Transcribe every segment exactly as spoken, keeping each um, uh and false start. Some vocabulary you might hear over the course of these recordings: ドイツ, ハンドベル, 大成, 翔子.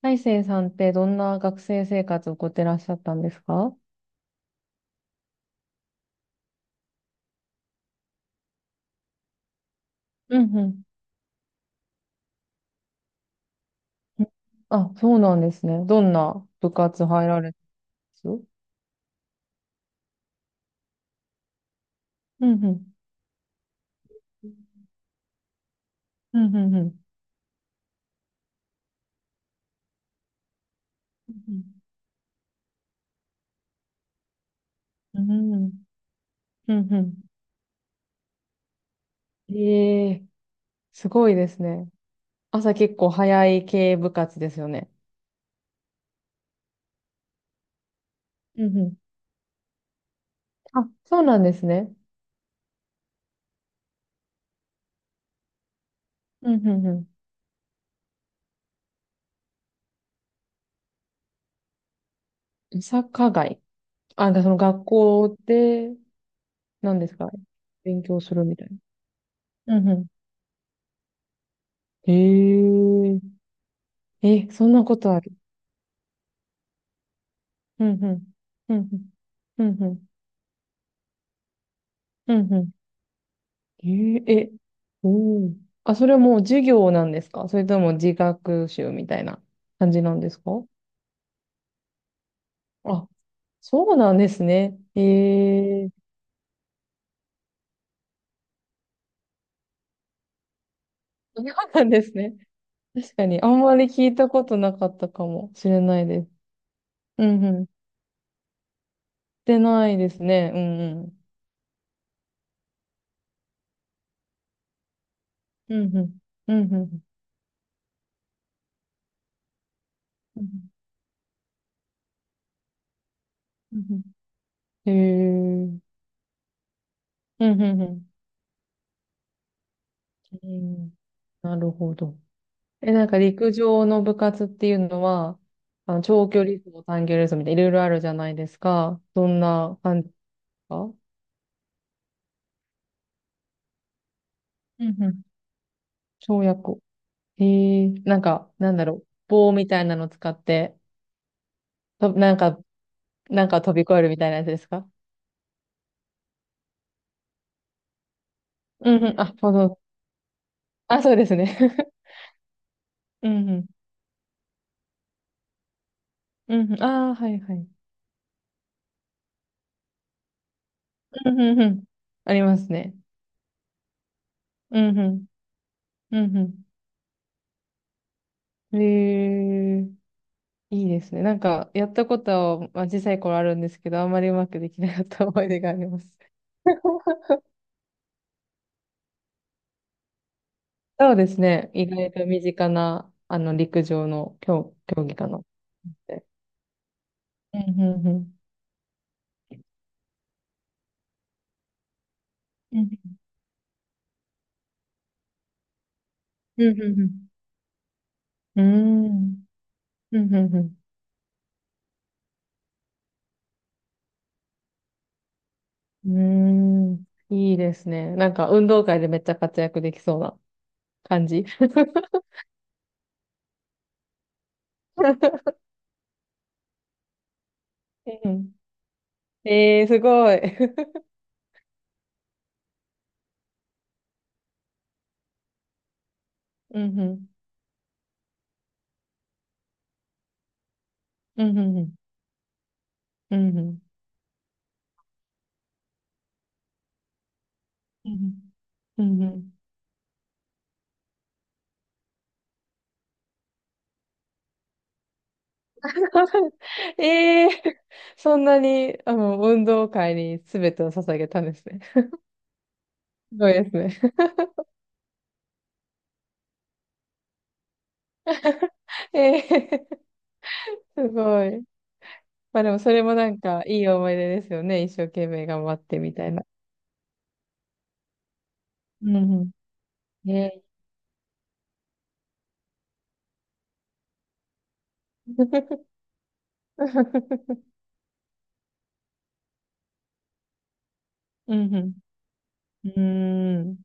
大成さんってどんな学生生活を送ってらっしゃったんですか？うんうん。うん。あ、そうなんですね。どんな部活入られたんですよ。うんうん。うんうんうん。うんうん。うんうん。ええ、すごいですね。朝結構早い系部活ですよね。うんうん。あ、そうなんですね。うんうんうん。サッカー街。あ、その学校で、何ですか？勉強するみたいな。うんうん。へええ、そんなことある？うん、うん。うん、うん。うん、うん。うんうん。えー、え、おお。あ、それはもう授業なんですか？それとも自学習みたいな感じなんですか？あ、そうなんですね。ええ、そうなんですね。確かに、あんまり聞いたことなかったかもしれないです。うんうん。してないですね。うんうん。うんうん。うんうん。うんうん。へえ。うんうんうん。えー、なるほど。え、なんか陸上の部活っていうのは、あの、長距離走、短距離走みたいないろいろあるじゃないですか。どんな感じですか？うんうん。跳躍。えー、なんか、なんだろう。棒みたいなの使って、と、なんか、なんか飛び越えるみたいなやつですか？うんうん。あ、そうそう。あ、そうですね。うんうん。うんうん。ああ、はいはい。うんうんうん。ありますね。うんうん。うんうん。えー。いいですね。なんか、やったことは、まあ、小さい頃あるんですけど、あんまりうまくできなかった思い出があります。そうですね。意外と身近な、あの、陸上の競、競技かな。うんうんうんうんうんうん。うんうんうんうんうん。いいですね。なんか、運動会でめっちゃ活躍できそうな感じ。うん、えー、すごい。うんうん。うんうんうん。うんうん。うんうん。うんうん ええー、そんなに、あの、運動会に全てを捧げたんですね。すごいですね。ええー、すごい。まあでもそれもなんかいい思い出ですよね。一生懸命頑張ってみたいな。うんうん。ええー。うんうん。うーん。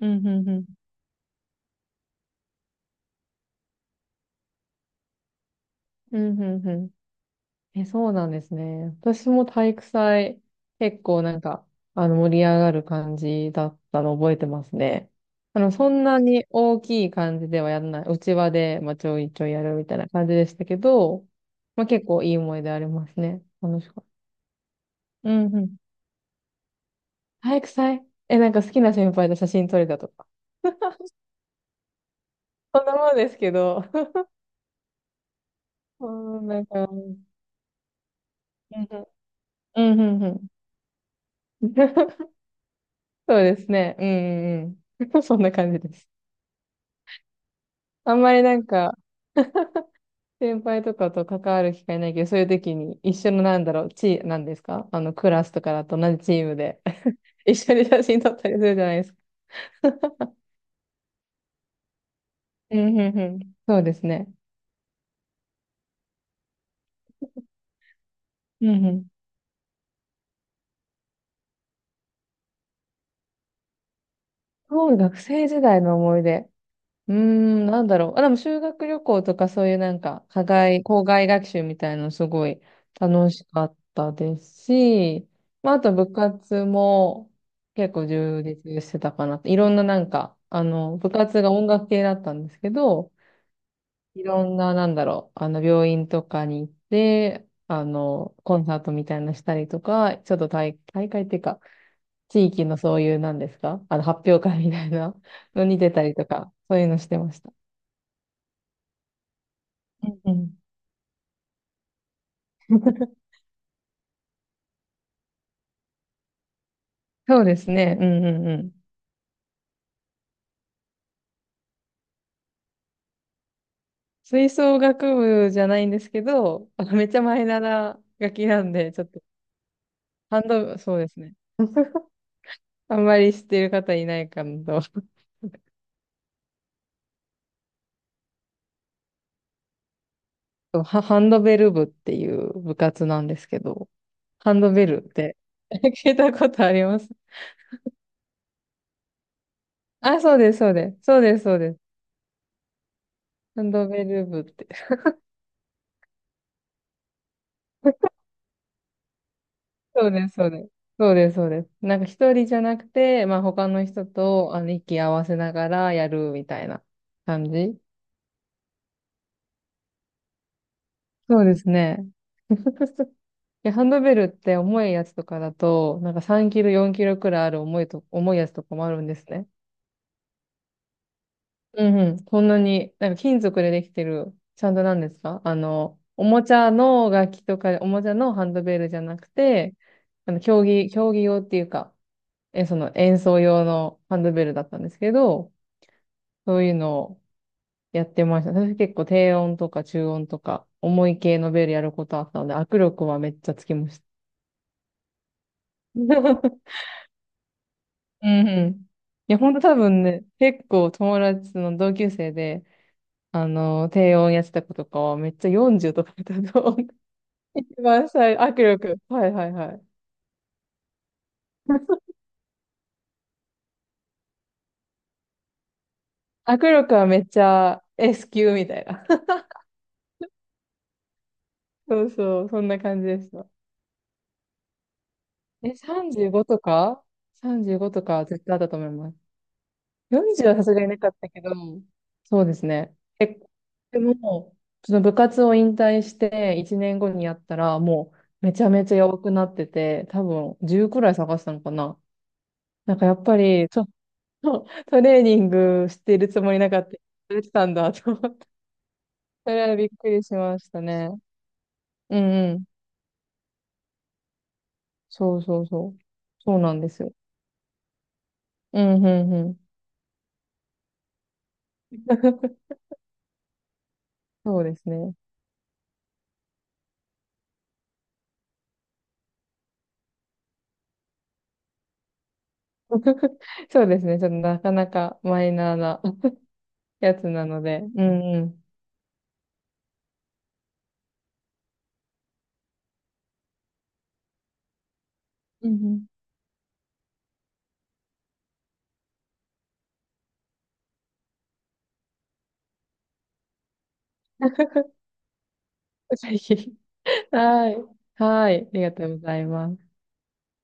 うんうんうん。うんうんうん。え、そうなんですね。私も体育祭、結構なんか、あの、盛り上がる感じだったの覚えてますね。あの、そんなに大きい感じではやらない。内輪で、まあ、ちょいちょいやるみたいな感じでしたけど、まあ、結構いい思い出ありますね。楽しかった。うんうん。体育祭、え、なんか好きな先輩と写真撮れたとか。そんなもんですけど。うん、なんか、うんうん、うんうんうん。そうですね。うんうんうん。そんな感じです。あんまりなんか、先輩とかと関わる機会ないけど、そういう時に一緒のなんだろう、チー、なんですかあの、クラスとかだと同じチームで 一緒に写真撮ったりするじゃないですか。うんうんうん。そうですね。うんうん。そう、学生時代の思い出。うーん、なんだろう。あ、でも修学旅行とかそういうなんか、課外、校外学習みたいなのすごい楽しかったですし、まあ、あと部活も結構充実してたかな。いろんななんか、あの、部活が音楽系だったんですけど、いろんななんだろう、あの、病院とかに行って、あの、コンサートみたいなのしたりとか、ちょっと大、大会っていうか、地域のそういうなんですかあの、発表会みたいなのに出たりとか、そういうのしてました。うんうん。そうですね。うんうんうん。吹奏楽部じゃないんですけど、あのめっちゃマイナーな楽器なんで、ちょっと、ハンド、そうですね。あんまり知ってる方いないかなと。そう、ハハンドベル部っていう部活なんですけど、ハンドベルって 聞いたことあります？あ、そうです、そうです。そうです、そうです。ハンドベル部って。そうです、そうです。そうです、そうです。なんか一人じゃなくて、まあ他の人とあの息合わせながらやるみたいな感じ。そうですね。いや、ハンドベルって重いやつとかだと、なんかさんキロ、よんキロくらいある重いと、重いやつとかもあるんですね。うんうん。こんなに、なんか金属でできてる、ちゃんとなんですかあの、おもちゃの楽器とか、おもちゃのハンドベルじゃなくて、あの、競技、競技用っていうか、え、その演奏用のハンドベルだったんですけど、そういうのをやってました。私結構低音とか中音とか、重い系のベルやることあったので、握力はめっちゃつきました。うんうん。いや、ほんと多分ね、結構友達の同級生で、あの、低音やってた子とかはめっちゃよんじゅうとかだったと思う。一番最、握力。はいはいはい。握力はめっちゃ S 級みたいな。そうそう、そんな感じでした。え、さんじゅうごとか ?さんじゅうご とか絶対あったと思います。よんじゅうはさすがになかったけど、そうですね。え、でも、その部活を引退していちねんごにやったら、もうめちゃめちゃ弱くなってて、多分じゅうくらい探したのかな。なんかやっぱり、ちょっと トレーニングしてるつもりなかった。やれてたんだと。それはびっくりしましたね。うんうん。そうそうそう。そうなんですよ。うんうんうん。そうですね。そうですね。ちょっとなかなかマイナーなやつなので。うんうん。うんうん。ぜひ。はい。はい。ありがとうございます。